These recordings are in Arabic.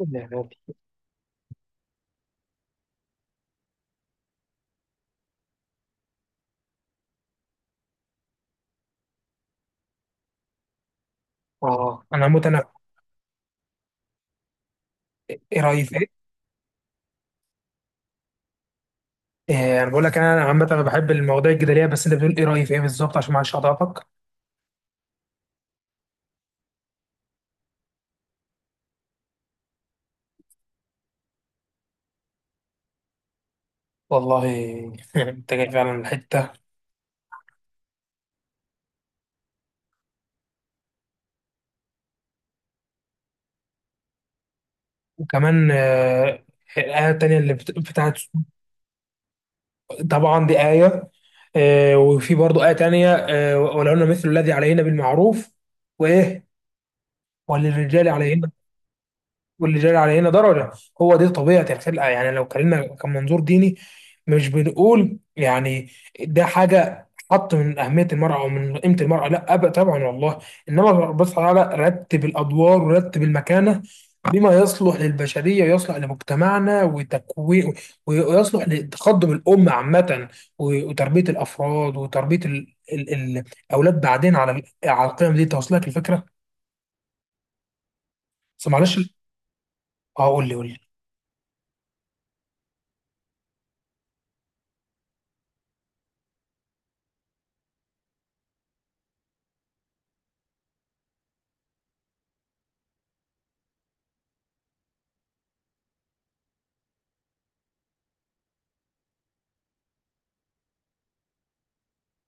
النبي. اه انا عامه انا. ايه رايي في ايه؟ إيه، انا بقول لك انا عامه انا بحب المواضيع الجدليه، بس انت بتقول ايه رايي في ايه بالظبط عشان ما اعرفش اضعفك. والله. انت جاي فعلا من الحته. وكمان الايه التانيه اللي بتاعت. طبعا دي ايه. وفي برضه ايه تانيه، ولهن مثل الذي علينا بالمعروف. وايه، وللرجال علينا. واللي جرى علينا درجة. هو دي طبيعة الخلق، يعني لو اتكلمنا كمنظور ديني، مش بنقول يعني ده حاجة حط من أهمية المرأة أو من قيمة المرأة، لا أبدا طبعا والله. إنما ربنا سبحانه وتعالى رتب الأدوار ورتب المكانة بما يصلح للبشرية ويصلح لمجتمعنا وتكوين، ويصلح لتقدم الأمة عامة، وتربية الأفراد وتربية الأولاد بعدين على على القيم دي. توصلك الفكرة؟ بس معلش. اه، قول لي قول لي.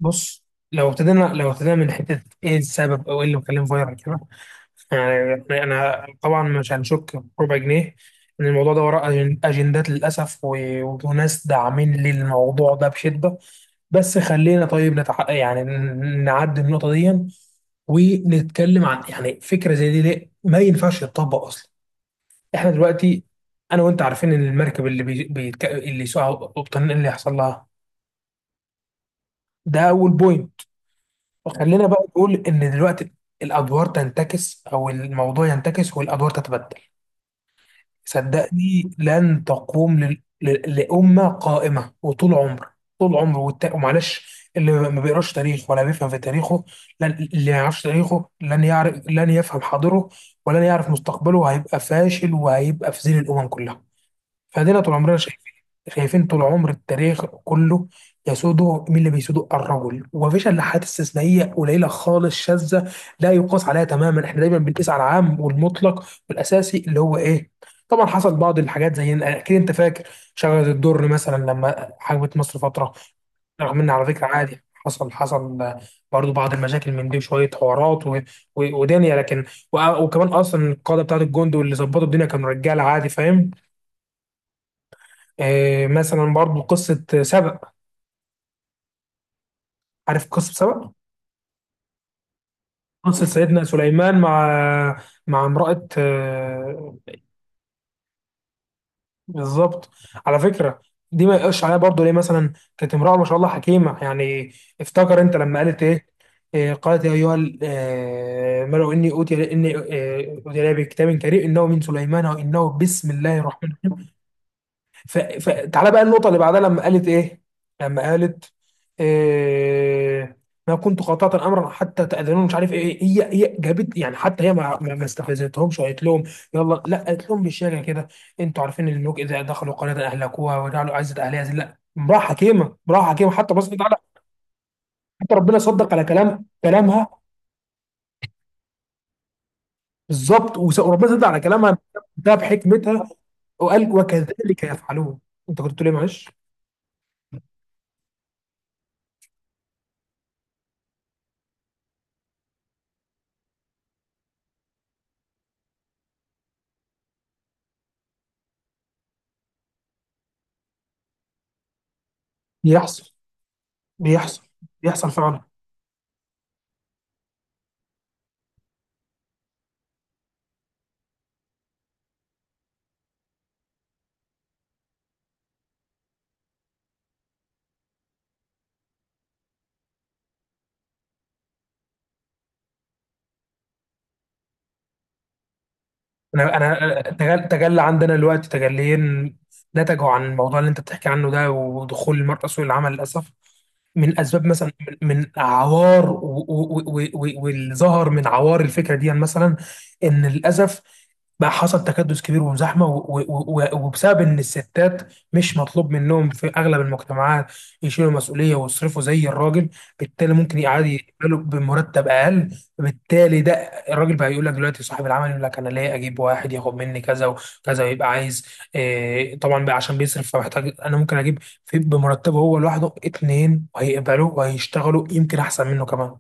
بص، لو ابتدينا لو ابتدينا من حته ايه السبب او ايه اللي مخليه فايرال كده، يعني انا طبعا مش هنشك بربع جنيه ان الموضوع ده وراه اجندات للاسف، وناس داعمين للموضوع ده بشده. بس خلينا طيب نعدي النقطه دي ونتكلم عن يعني فكره زي دي ليه ما ينفعش تطبق اصلا. احنا دلوقتي انا وانت عارفين ان المركب اللي سوقها قبطان اللي هيحصل لها. ده اول بوينت. خلينا بقى نقول ان دلوقتي الادوار تنتكس او الموضوع ينتكس والادوار تتبدل، صدقني لن تقوم لامه قائمه. وطول عمر طول عمر ومعلش، اللي ما بيقراش تاريخ ولا بيفهم في تاريخه لن... اللي ما يعرفش تاريخه لن يعرف، لن يفهم حاضره، ولن يعرف مستقبله، هيبقى فاشل وهيبقى في ذيل الامم كلها. فادينا طول عمرنا شايفين، شايفين طول عمر التاريخ كله يسوده مين؟ اللي بيسوده الرجل، ومفيش الا حالات استثنائيه قليله خالص شاذه لا يقاس عليها تماما. احنا دايما بنقيس على العام والمطلق والاساسي اللي هو ايه. طبعا حصل بعض الحاجات، زي اكيد انت فاكر شجره الدر مثلا لما حجبت مصر فتره، رغم ان على فكره عادي، حصل حصل برضو بعض المشاكل من دي وشويه حوارات ودنيا، لكن وكمان اصلا القاده بتاعت الجند واللي ظبطوا الدنيا كانوا رجاله. عادي، فاهم. مثلا برضو قصة سبأ. عارف قصة سبأ؟ قصة سيدنا سليمان مع مع امرأة، بالظبط. على فكرة دي ما يقش عليها برضو، ليه؟ مثلا كانت امرأة ما شاء الله حكيمة يعني. افتكر انت لما قالت ايه؟ قالت يا ايها الملأ اني اوتي اني اوتي إلي بكتاب كريم انه من سليمان وانه بسم الله الرحمن. فتعالى بقى النقطة اللي بعدها لما قالت إيه؟ لما قالت إيه... ما كنت قاطعة أمرا حتى تأذنون، مش عارف إيه. هي جابت يعني حتى هي ما استفزتهمش وقالت لهم يلا لا، قالت لهم بالشارع كده: أنتوا عارفين إن الملوك إذا دخلوا قرية أهلكوها وجعلوا عزة أهلها ذلة. لا، امرأة حكيمة، امرأة حكيمة. حتى بس تعالى، حتى ربنا صدق على كلامها. بالظبط، وربنا صدق على كلامها ده بحكمتها، وقال وكذلك يفعلون. أنت كنت بتقول إيه؟ معلش. يحصل، بيحصل، بيحصل فعلا. انا تجلى عندنا دلوقتي تجليين نتجوا عن الموضوع اللي انت بتحكي عنه ده. ودخول المرأة سوق العمل للاسف من اسباب مثلا، من عوار واللي ظهر من عوار الفكره دي، يعني مثلا ان للاسف بقى حصل تكدس كبير وزحمه، وبسبب ان الستات مش مطلوب منهم في اغلب المجتمعات يشيلوا مسؤوليه ويصرفوا زي الراجل، بالتالي ممكن يقعدوا يقبلوا بمرتب اقل. بالتالي ده الراجل بقى يقول لك، دلوقتي صاحب العمل يقول لك انا ليه اجيب واحد ياخد مني كذا وكذا ويبقى عايز إيه طبعا بقى عشان بيصرف، فمحتاج. انا ممكن اجيب في بمرتبه هو لوحده اتنين وهيقبلوا وهيشتغلوا يمكن احسن منه كمان.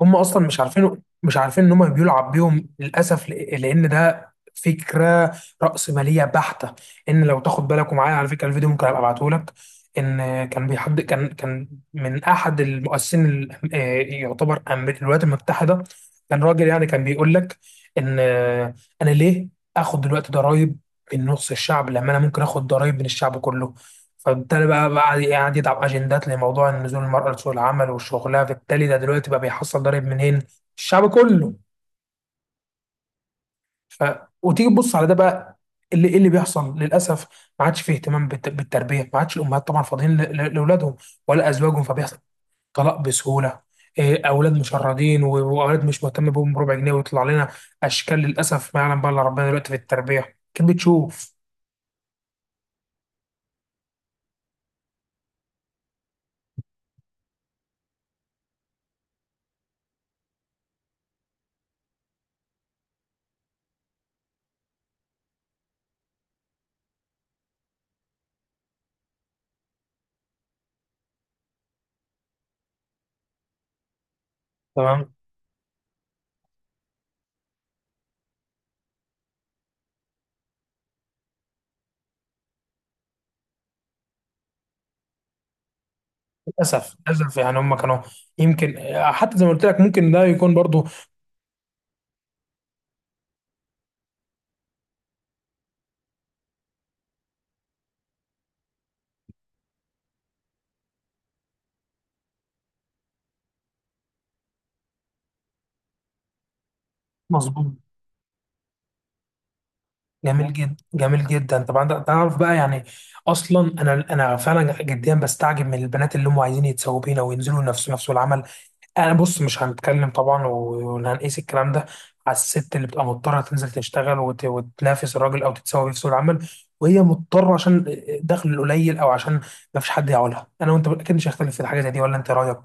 هم اصلا مش عارفين، مش عارفين ان هم بيلعب بيهم للاسف، لان ده فكره رأسماليه بحته. ان لو تاخد بالك، ومعايا على فكره الفيديو ممكن ابقى ابعته لك، ان كان بيحد كان كان من احد المؤسسين يعتبر الولايات المتحده، كان راجل يعني كان بيقول لك ان انا ليه اخد دلوقتي ضرائب من نص الشعب لما انا ممكن اخد ضرائب من الشعب كله؟ فبالتالي بقى، قاعد يضع اجندات لموضوع نزول المرأة لسوق العمل وشغلها، فبالتالي ده دلوقتي بقى بيحصل ضرب منين؟ الشعب كله. ف... وتيجي تبص على ده بقى، اللي إيه اللي بيحصل للاسف. ما عادش فيه اهتمام بالتربيه، ما عادش الامهات طبعا فاضيين لاولادهم ولا ازواجهم، فبيحصل طلاق بسهوله. إيه، اولاد مشردين، و- واولاد مش مهتم بهم بربع جنيه، ويطلع لنا اشكال للاسف ما يعلم بقى الا ربنا. دلوقتي في التربيه كان بتشوف. للاسف للاسف، يعني هم كانوا يمكن، حتى زي ما قلت لك ممكن ده يكون برضو. مظبوط. جميل جدا جميل جدا طبعا، تعرف بقى يعني اصلا، انا فعلا جديا بستعجب من البنات اللي هم عايزين يتسووا بينا وينزلوا نفس نفسه العمل. انا بص، مش هنتكلم طبعا وهنقيس الكلام ده على الست اللي بتبقى مضطره تنزل تشتغل وتنافس الراجل او تتساوي بيه في سوق العمل، وهي مضطره عشان دخل قليل او عشان ما فيش حد يعولها. انا وانت اكيد مش هختلف في حاجه زي دي، ولا انت إيه رايك؟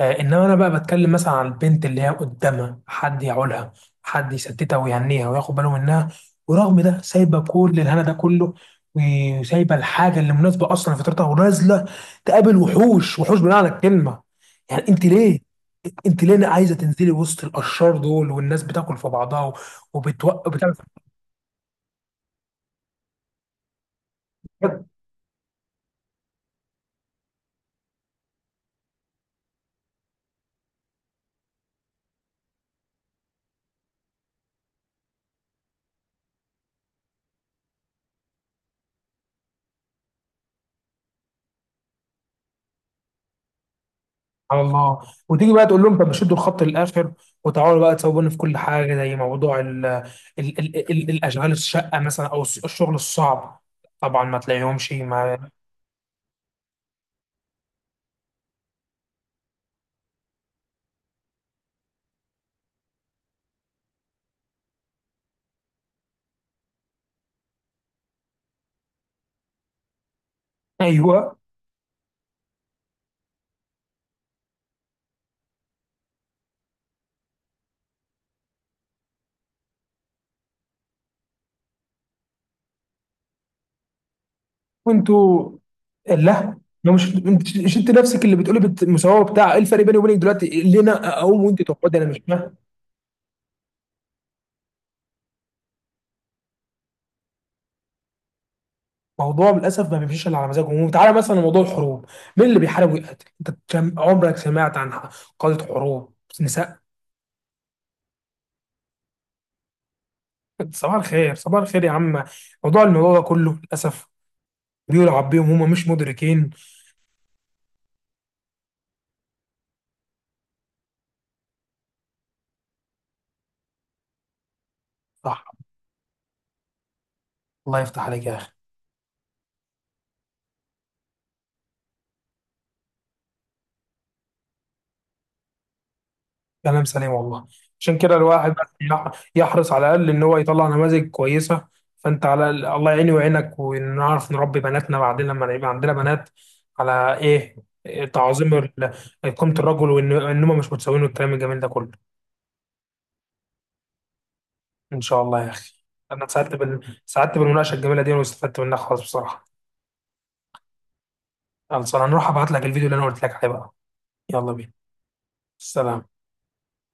انما انا بقى بتكلم مثلا عن البنت اللي هي قدامها حد يعولها، حد يسددها ويهنيها وياخد باله منها، ورغم ده سايبه كل الهنا ده كله وسايبه الحاجه اللي مناسبه اصلا لفطرتها ونازله تقابل وحوش، وحوش بمعنى الكلمه. يعني انت ليه، انت ليه عايزه تنزلي وسط الاشرار دول؟ والناس بتاكل في بعضها وبتوقف بتعمل. سبحان الله. وتيجي بقى تقول لهم، طب شدوا الخط للاخر وتعالوا بقى تسووني في كل حاجه، زي موضوع ال ال ال ال الاشغال الشقه مثلا او الشغل الصعب. طبعا ما تلاقيهمش ما. ايوه. وانتوا، لا، ما مش انت، مش انت نفسك اللي بتقولي مساواه؟ بتاع ايه الفرق بيني وبينك دلوقتي اللي انا اقوم وانت تقعدي؟ انا مش فاهم. موضوع للاسف ما بيمشيش الا على مزاجهم. وتعالى مثلا لموضوع الحروب، مين اللي بيحارب ويقاتل؟ انت عمرك سمعت عن قاده حروب نساء؟ صباح الخير صباح الخير يا عم. موضوع الموضوع ده كله للاسف بيلعب بيهم، هم مش مدركين. صح. الله يفتح عليك يا اخي. كلام سليم والله. عشان كده الواحد بس يحرص على الاقل ان هو يطلع نماذج كويسه. فانت على الأقل، الله يعيني ويعينك ونعرف نربي بناتنا بعدين لما يبقى عندنا بنات، على ايه؟ إيه، تعظيم قيمه الرجل، وان ان هم مش متساويين، والكلام الجميل ده كله. ان شاء الله يا اخي. انا سعدت بالمناقشه الجميله دي واستفدت منها خالص بصراحه. خلصان هنروح ابعت لك الفيديو اللي انا قلت لك عليه بقى. يلا بينا. سلام.